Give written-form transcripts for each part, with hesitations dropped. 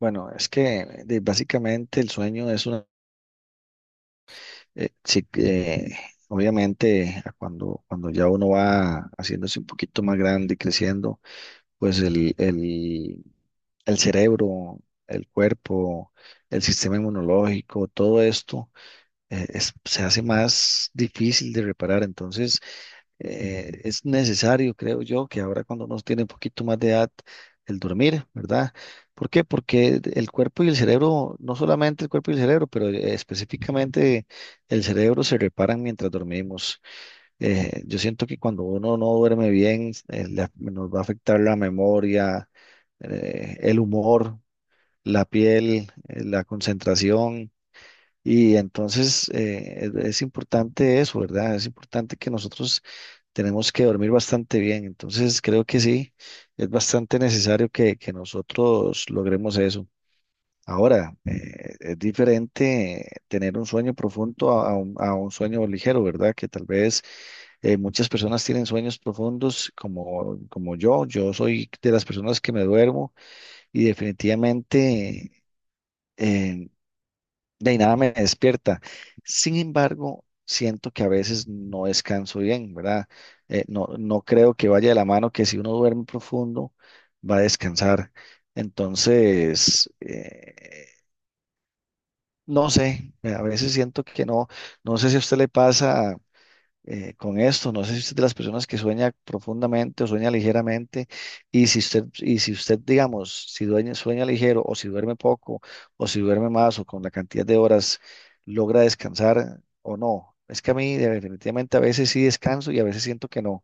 Bueno, es que básicamente el sueño es una, sí que, obviamente a cuando ya uno va haciéndose un poquito más grande y creciendo, pues el cerebro, el cuerpo, el sistema inmunológico, todo esto se hace más difícil de reparar. Entonces, es necesario, creo yo, que ahora cuando uno tiene un poquito más de edad, el dormir, ¿verdad? ¿Por qué? Porque el cuerpo y el cerebro, no solamente el cuerpo y el cerebro, pero específicamente el cerebro se reparan mientras dormimos. Yo siento que cuando uno no duerme bien, nos va a afectar la memoria, el humor, la piel, la concentración. Y entonces es importante eso, ¿verdad? Es importante que nosotros tenemos que dormir bastante bien. Entonces, creo que sí, es bastante necesario que nosotros logremos eso. Ahora, es diferente tener un sueño profundo a un sueño ligero, ¿verdad? Que tal vez muchas personas tienen sueños profundos como yo. Yo soy de las personas que me duermo y definitivamente... eh, de ahí nada me despierta. Sin embargo, siento que a veces no descanso bien, ¿verdad? No, no creo que vaya de la mano que si uno duerme profundo, va a descansar. Entonces, no sé, a veces siento que no, no sé si a usted le pasa con esto. No sé si usted es de las personas que sueña profundamente o sueña ligeramente. Y si usted, digamos, si dueña- sueña ligero o si duerme poco o si duerme más o con la cantidad de horas logra descansar o no. Es que a mí definitivamente a veces sí descanso y a veces siento que no.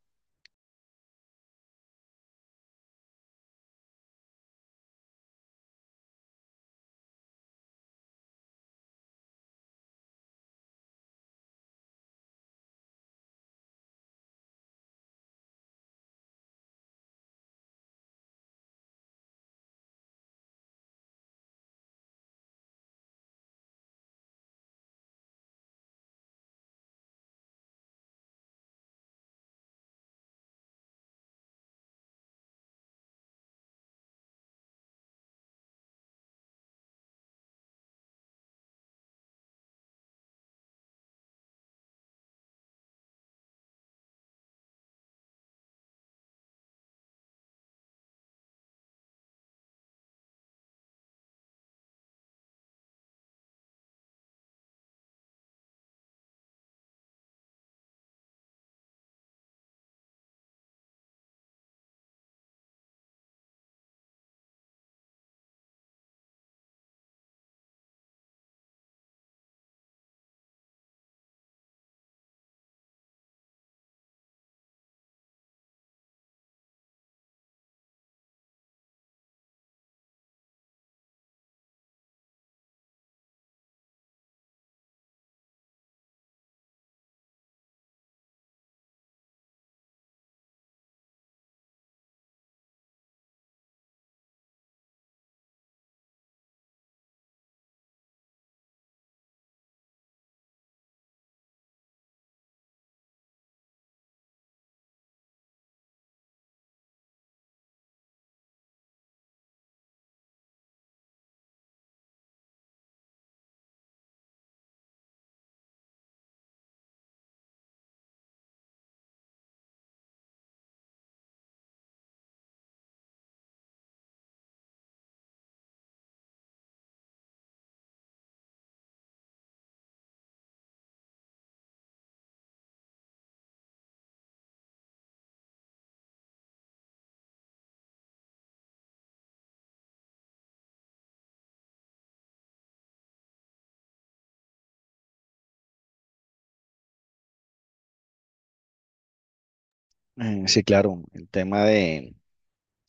Sí, claro, el tema de,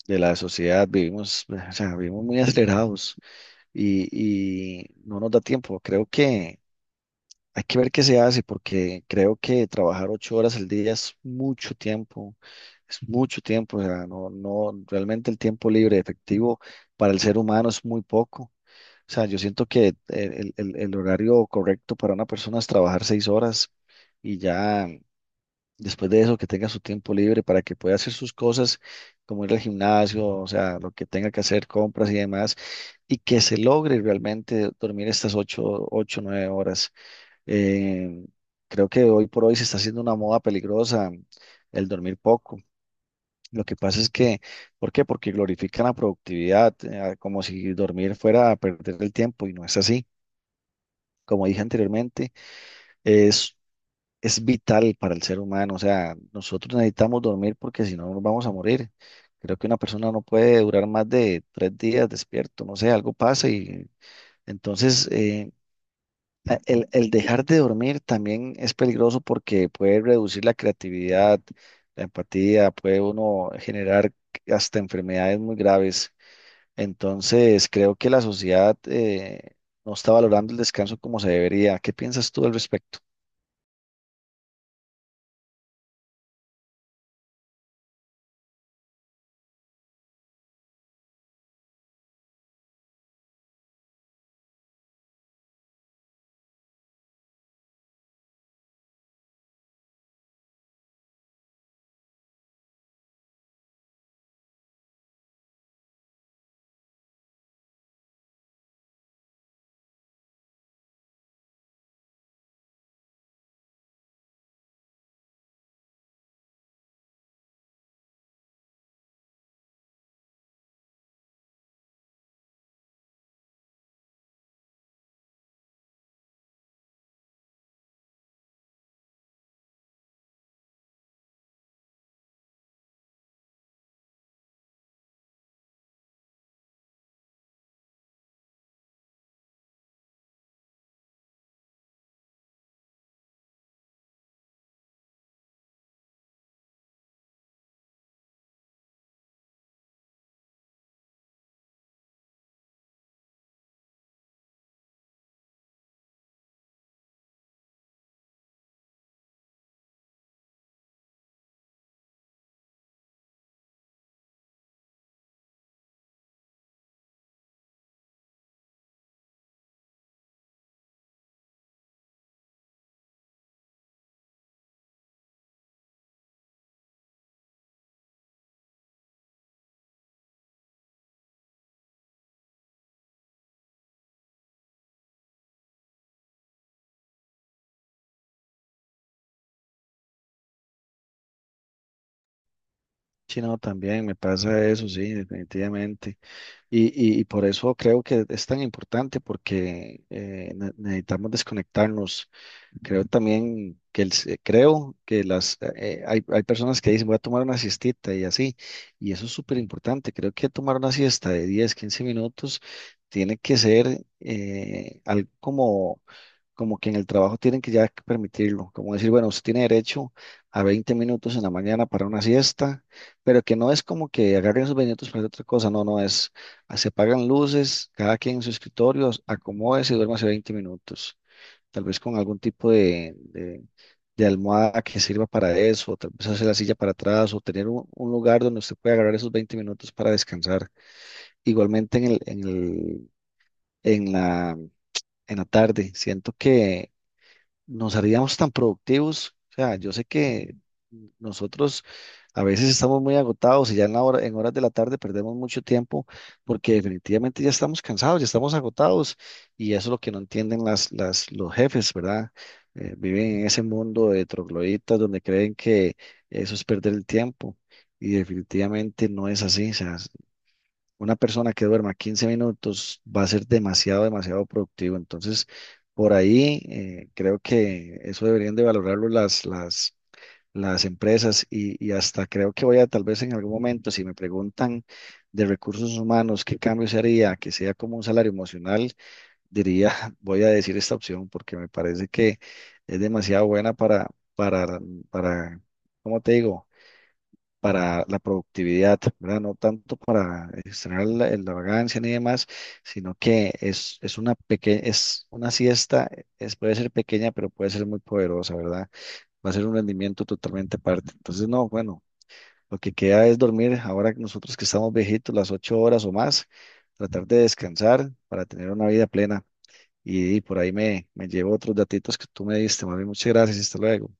de la sociedad, vivimos, o sea, vivimos muy acelerados y, y no nos da tiempo. Creo que hay que ver qué se hace porque creo que trabajar 8 horas al día es mucho tiempo, o sea, no, no, realmente el tiempo libre efectivo para el ser humano es muy poco. O sea, yo siento que el horario correcto para una persona es trabajar 6 horas y ya después de eso que tenga su tiempo libre para que pueda hacer sus cosas, como ir al gimnasio, o sea, lo que tenga que hacer, compras y demás, y que se logre realmente dormir estas nueve horas. Eh, creo que hoy por hoy se está haciendo una moda peligrosa el dormir poco. Lo que pasa es que, ¿por qué? Porque glorifican la productividad, como si dormir fuera a perder el tiempo y no es así. Como dije anteriormente, es, es vital para el ser humano. O sea, nosotros necesitamos dormir porque si no nos vamos a morir. Creo que una persona no puede durar más de 3 días despierto, no sé, algo pasa y entonces... El dejar de dormir también es peligroso porque puede reducir la creatividad, la empatía, puede uno generar hasta enfermedades muy graves. Entonces, creo que la sociedad no está valorando el descanso como se debería. ¿Qué piensas tú al respecto? Sí, no, también me pasa eso, sí, definitivamente. Y por eso creo que es tan importante porque necesitamos desconectarnos. Creo también que creo que hay personas que dicen voy a tomar una siestita y así, y eso es súper importante. Creo que tomar una siesta de 10, 15 minutos tiene que ser algo como que en el trabajo tienen que ya permitirlo, como decir, bueno, usted tiene derecho a 20 minutos en la mañana para una siesta, pero que no es como que agarren esos 20 minutos para hacer otra cosa, no es, se apagan luces, cada quien en su escritorio, acomódese y duérmase 20 minutos tal vez con algún tipo de almohada que sirva para eso, o tal vez hacer la silla para atrás, o tener un lugar donde usted pueda agarrar esos 20 minutos para descansar. Igualmente en la, en la tarde, siento que nos haríamos tan productivos. O sea, yo sé que nosotros a veces estamos muy agotados y ya en la hora, en horas de la tarde perdemos mucho tiempo porque definitivamente ya estamos cansados, ya estamos agotados y eso es lo que no entienden los jefes, ¿verdad? Viven en ese mundo de trogloditas donde creen que eso es perder el tiempo y definitivamente no es así. O sea, una persona que duerma 15 minutos va a ser demasiado productivo. Entonces, por ahí creo que eso deberían de valorarlo las empresas y hasta creo que voy a tal vez en algún momento, si me preguntan de recursos humanos, qué cambio se haría, que sea como un salario emocional, diría, voy a decir esta opción porque me parece que es demasiado buena para, para, ¿cómo te digo? Para la productividad, ¿verdad? No tanto para extraer la vagancia ni demás, sino que es una pequeña, es una siesta, puede ser pequeña, pero puede ser muy poderosa, ¿verdad? Va a ser un rendimiento totalmente aparte. Entonces, no, bueno, lo que queda es dormir ahora que nosotros que estamos viejitos, las 8 horas o más, tratar de descansar para tener una vida plena. Y por ahí me llevo otros datitos que tú me diste, más bien, muchas gracias, hasta luego.